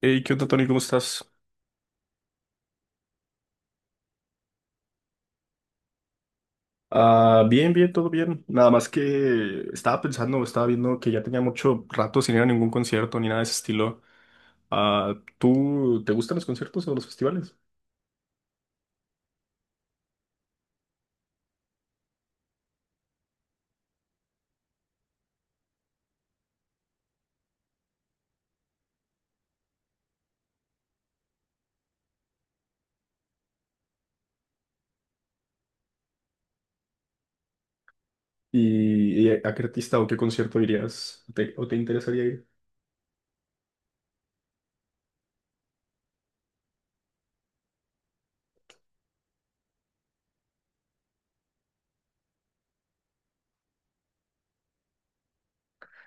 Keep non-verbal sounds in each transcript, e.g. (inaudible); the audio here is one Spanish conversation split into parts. Hey, ¿qué onda, Tony? ¿Cómo estás? Ah, bien, bien, todo bien. Nada más que estaba pensando, estaba viendo que ya tenía mucho rato sin ir a ningún concierto ni nada de ese estilo. Ah, ¿tú te gustan los conciertos o los festivales? ¿¿Y a qué artista o qué concierto irías ¿Te- o te interesaría ir?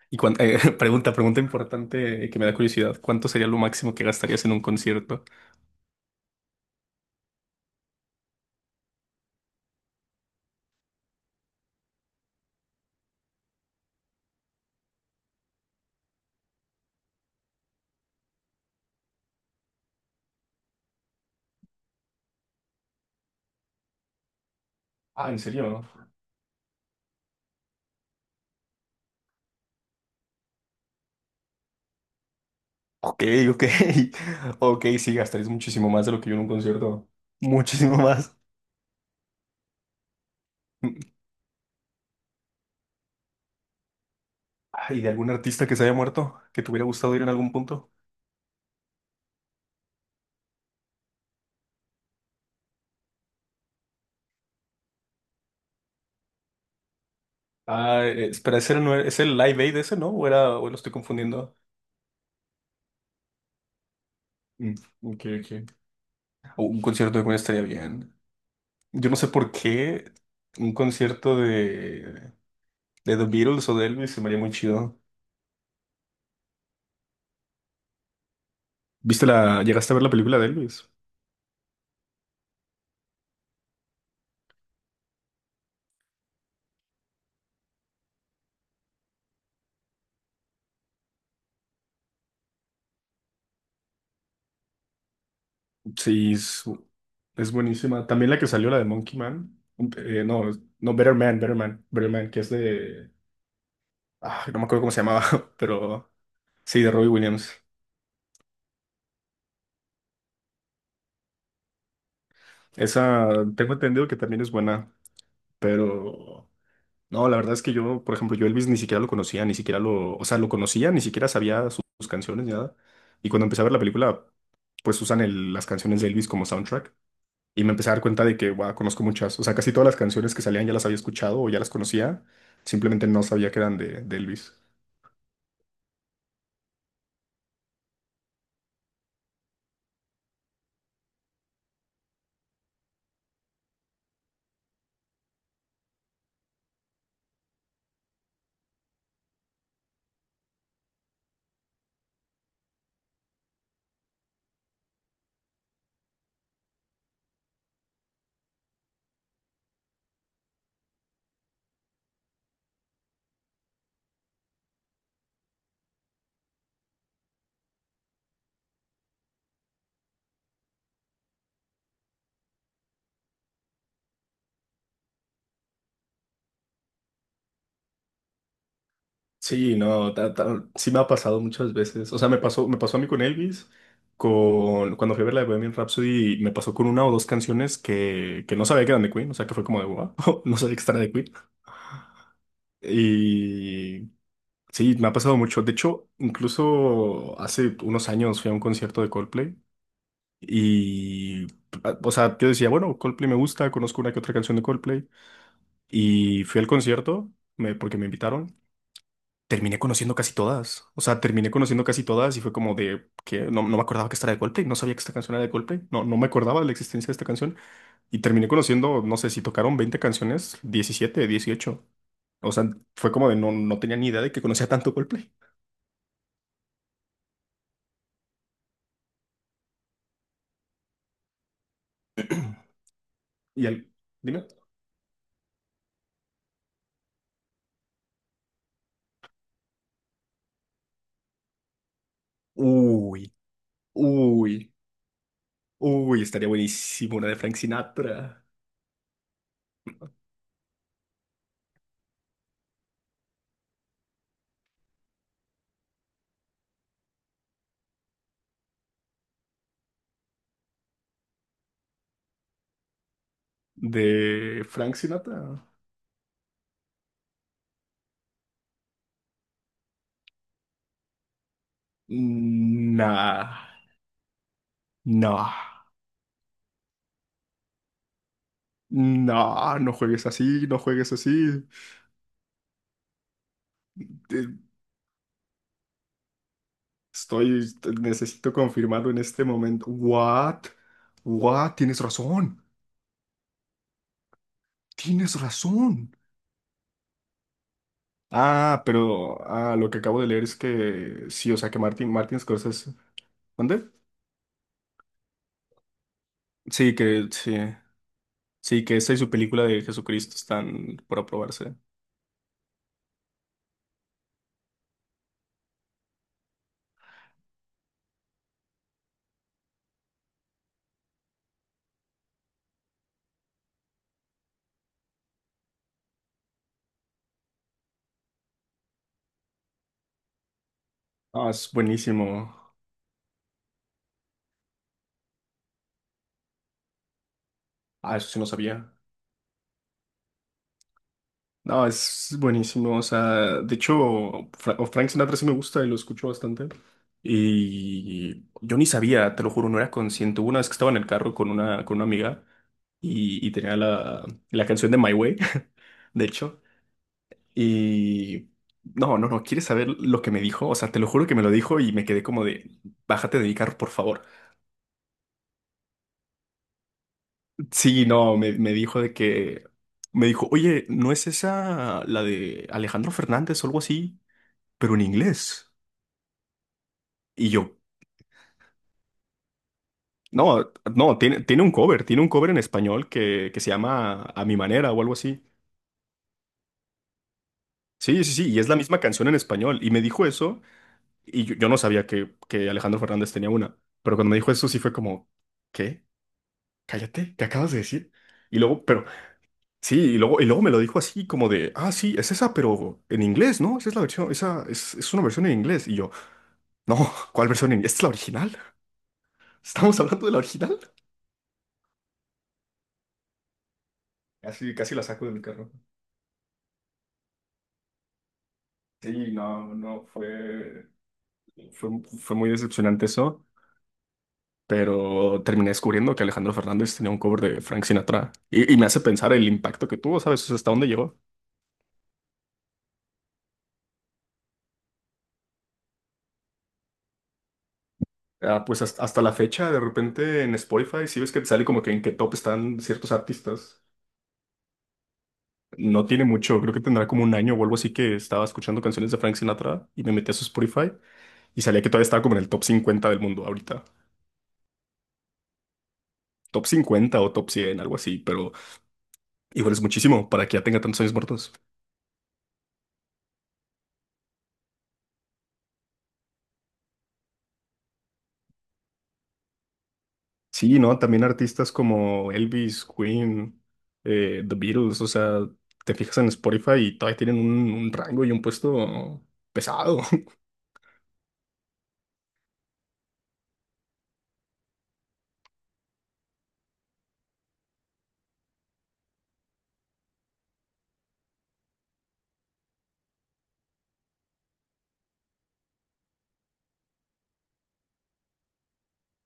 (laughs) Pregunta importante que me da curiosidad. ¿Cuánto sería lo máximo que gastarías en un concierto? Ah, ¿en serio? Ok, ok. (laughs) Ok, sí, gastarías muchísimo más de lo que yo en un concierto. Muchísimo más. (laughs) ¿Y de algún artista que se haya muerto? ¿Que te hubiera gustado ir en algún punto? Espera, ¿ese no era- ¿es el Live Aid ese, no? ¿O era, o lo estoy confundiendo? Mm, ok, ok. O un concierto de Queen estaría bien. Yo no sé por qué un concierto de The Beatles o de Elvis se me haría muy chido. ¿Viste la, llegaste a ver la película de Elvis? Sí, es buenísima. También la que salió, la de Monkey Man. No, no, Better Man, Better Man, Better Man, que es de... Ah, no me acuerdo cómo se llamaba, (laughs) pero sí, de Robbie Williams. Esa tengo entendido que también es buena, pero no, la verdad es que yo, por ejemplo, yo Elvis ni siquiera lo conocía, ni siquiera lo, o sea, lo conocía, ni siquiera sabía sus canciones ni nada. Y cuando empecé a ver la película, pues las canciones de Elvis como soundtrack y me empecé a dar cuenta de que, wow, conozco muchas, o sea, casi todas las canciones que salían ya las había escuchado o ya las conocía, simplemente no sabía que eran de Elvis. Sí, no, sí me ha pasado muchas veces. O sea, me pasó a mí con Elvis, con, cuando fui a ver la de Bohemian Rhapsody, me pasó con una o dos canciones que no sabía que eran de Queen, o sea, que fue como de wow, (laughs) no sabía que esta era de Queen. Y sí, me ha pasado mucho. De hecho, incluso hace unos años fui a un concierto de Coldplay y, o sea, yo decía, bueno, Coldplay me gusta, conozco una que otra canción de Coldplay y fui al concierto porque me invitaron. Terminé conociendo casi todas. O sea, terminé conociendo casi todas y fue como de que no, no me acordaba que esta era de Coldplay, no sabía que esta canción era de Coldplay, no, no me acordaba de la existencia de esta canción. Y terminé conociendo, no sé, si tocaron 20 canciones, 17, 18. O sea, fue como de no, no tenía ni idea de que conocía tanto Coldplay. Y al... Dime. Uy, uy, uy, estaría buenísimo una de Frank Sinatra. ¿De Frank Sinatra? Nah, no, no, no juegues así, no juegues así. Estoy, necesito confirmarlo en este momento. What? What? Tienes razón. Tienes razón. Lo que acabo de leer es que sí, o sea, que Martin Scorsese. ¿Dónde? Sí, que sí. Sí, que esta y su película de Jesucristo están por aprobarse. Ah, es buenísimo. Ah, eso sí no sabía. No, es buenísimo. O sea, de hecho, Fra- o Frank Sinatra sí me gusta y lo escucho bastante. Y yo ni sabía, te lo juro, no era consciente. Hubo una vez que estaba en el carro con con una amiga y tenía la canción de My Way, (laughs) de hecho. Y no, no, no, ¿quieres saber lo que me dijo? O sea, te lo juro que me lo dijo y me quedé como de, bájate de mi carro, por favor. Sí, no, me dijo de que, me dijo, oye, ¿no es esa la de Alejandro Fernández o algo así? Pero en inglés. Y yo, no, no, tiene, tiene un cover en español que se llama A mi manera o algo así. Sí, sí, sí, y es la misma canción en español. Y me dijo eso, y yo no sabía que Alejandro Fernández tenía una. Pero cuando me dijo eso, sí fue como, ¿qué? Cállate, ¿qué acabas de decir? Y luego, pero, sí, y luego me lo dijo así, como de, ah, sí, es esa, pero en inglés, ¿no? Esa es la versión, esa es una versión en inglés. Y yo, no, ¿cuál versión en inglés? ¿Esta es la original? ¿Estamos hablando de la original? Casi, casi la saco de mi carro. Sí, no, no, fue, fue muy decepcionante eso, pero terminé descubriendo que Alejandro Fernández tenía un cover de Frank Sinatra y me hace pensar el impacto que tuvo, ¿sabes? O sea, hasta dónde llegó. Ah, pues hasta, hasta la fecha, de repente en Spotify, si ves que te sale como que en qué top están ciertos artistas, no tiene mucho, creo que tendrá como un año o algo así que estaba escuchando canciones de Frank Sinatra y me metí a su Spotify y salía que todavía estaba como en el top 50 del mundo ahorita. Top 50 o top 100, algo así, pero igual es muchísimo para que ya tenga tantos años muertos. Sí, ¿no? También artistas como Elvis, Queen, The Beatles, o sea, te fijas en Spotify y todavía tienen un rango y un puesto pesado. (laughs)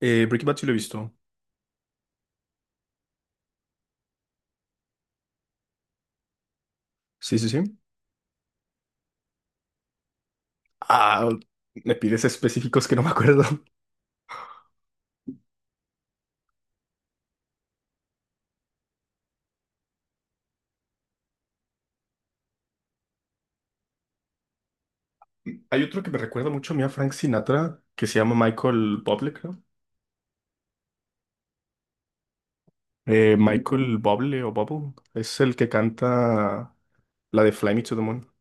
Breaking Bad sí lo he visto. Sí, sí, sí. Ah, me pides específicos que no me acuerdo. (laughs) Hay otro que me recuerda mucho a mí a Frank Sinatra, que se llama Michael Bublé, creo. Michael Bublé o Bubble, es el que canta la de Fly Me to the Moon.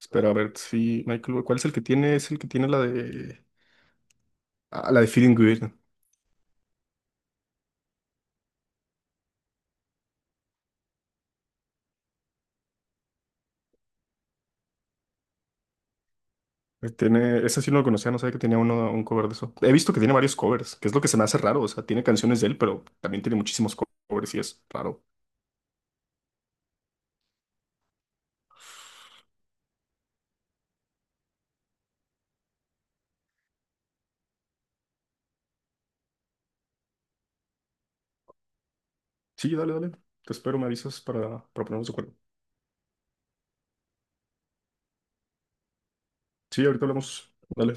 Espera, a ver si, Michael, ¿cuál es el que tiene? Es el que tiene la de, ah, la de Feeling Good. Tiene, ese sí no lo conocía, no sabía que tenía uno, un cover de eso. He visto que tiene varios covers, que es lo que se me hace raro. O sea, tiene canciones de él, pero también tiene muchísimos covers y es raro. Sí, dale, dale. Te espero, me avisas para ponernos de acuerdo. Sí, ahorita hablamos. Dale.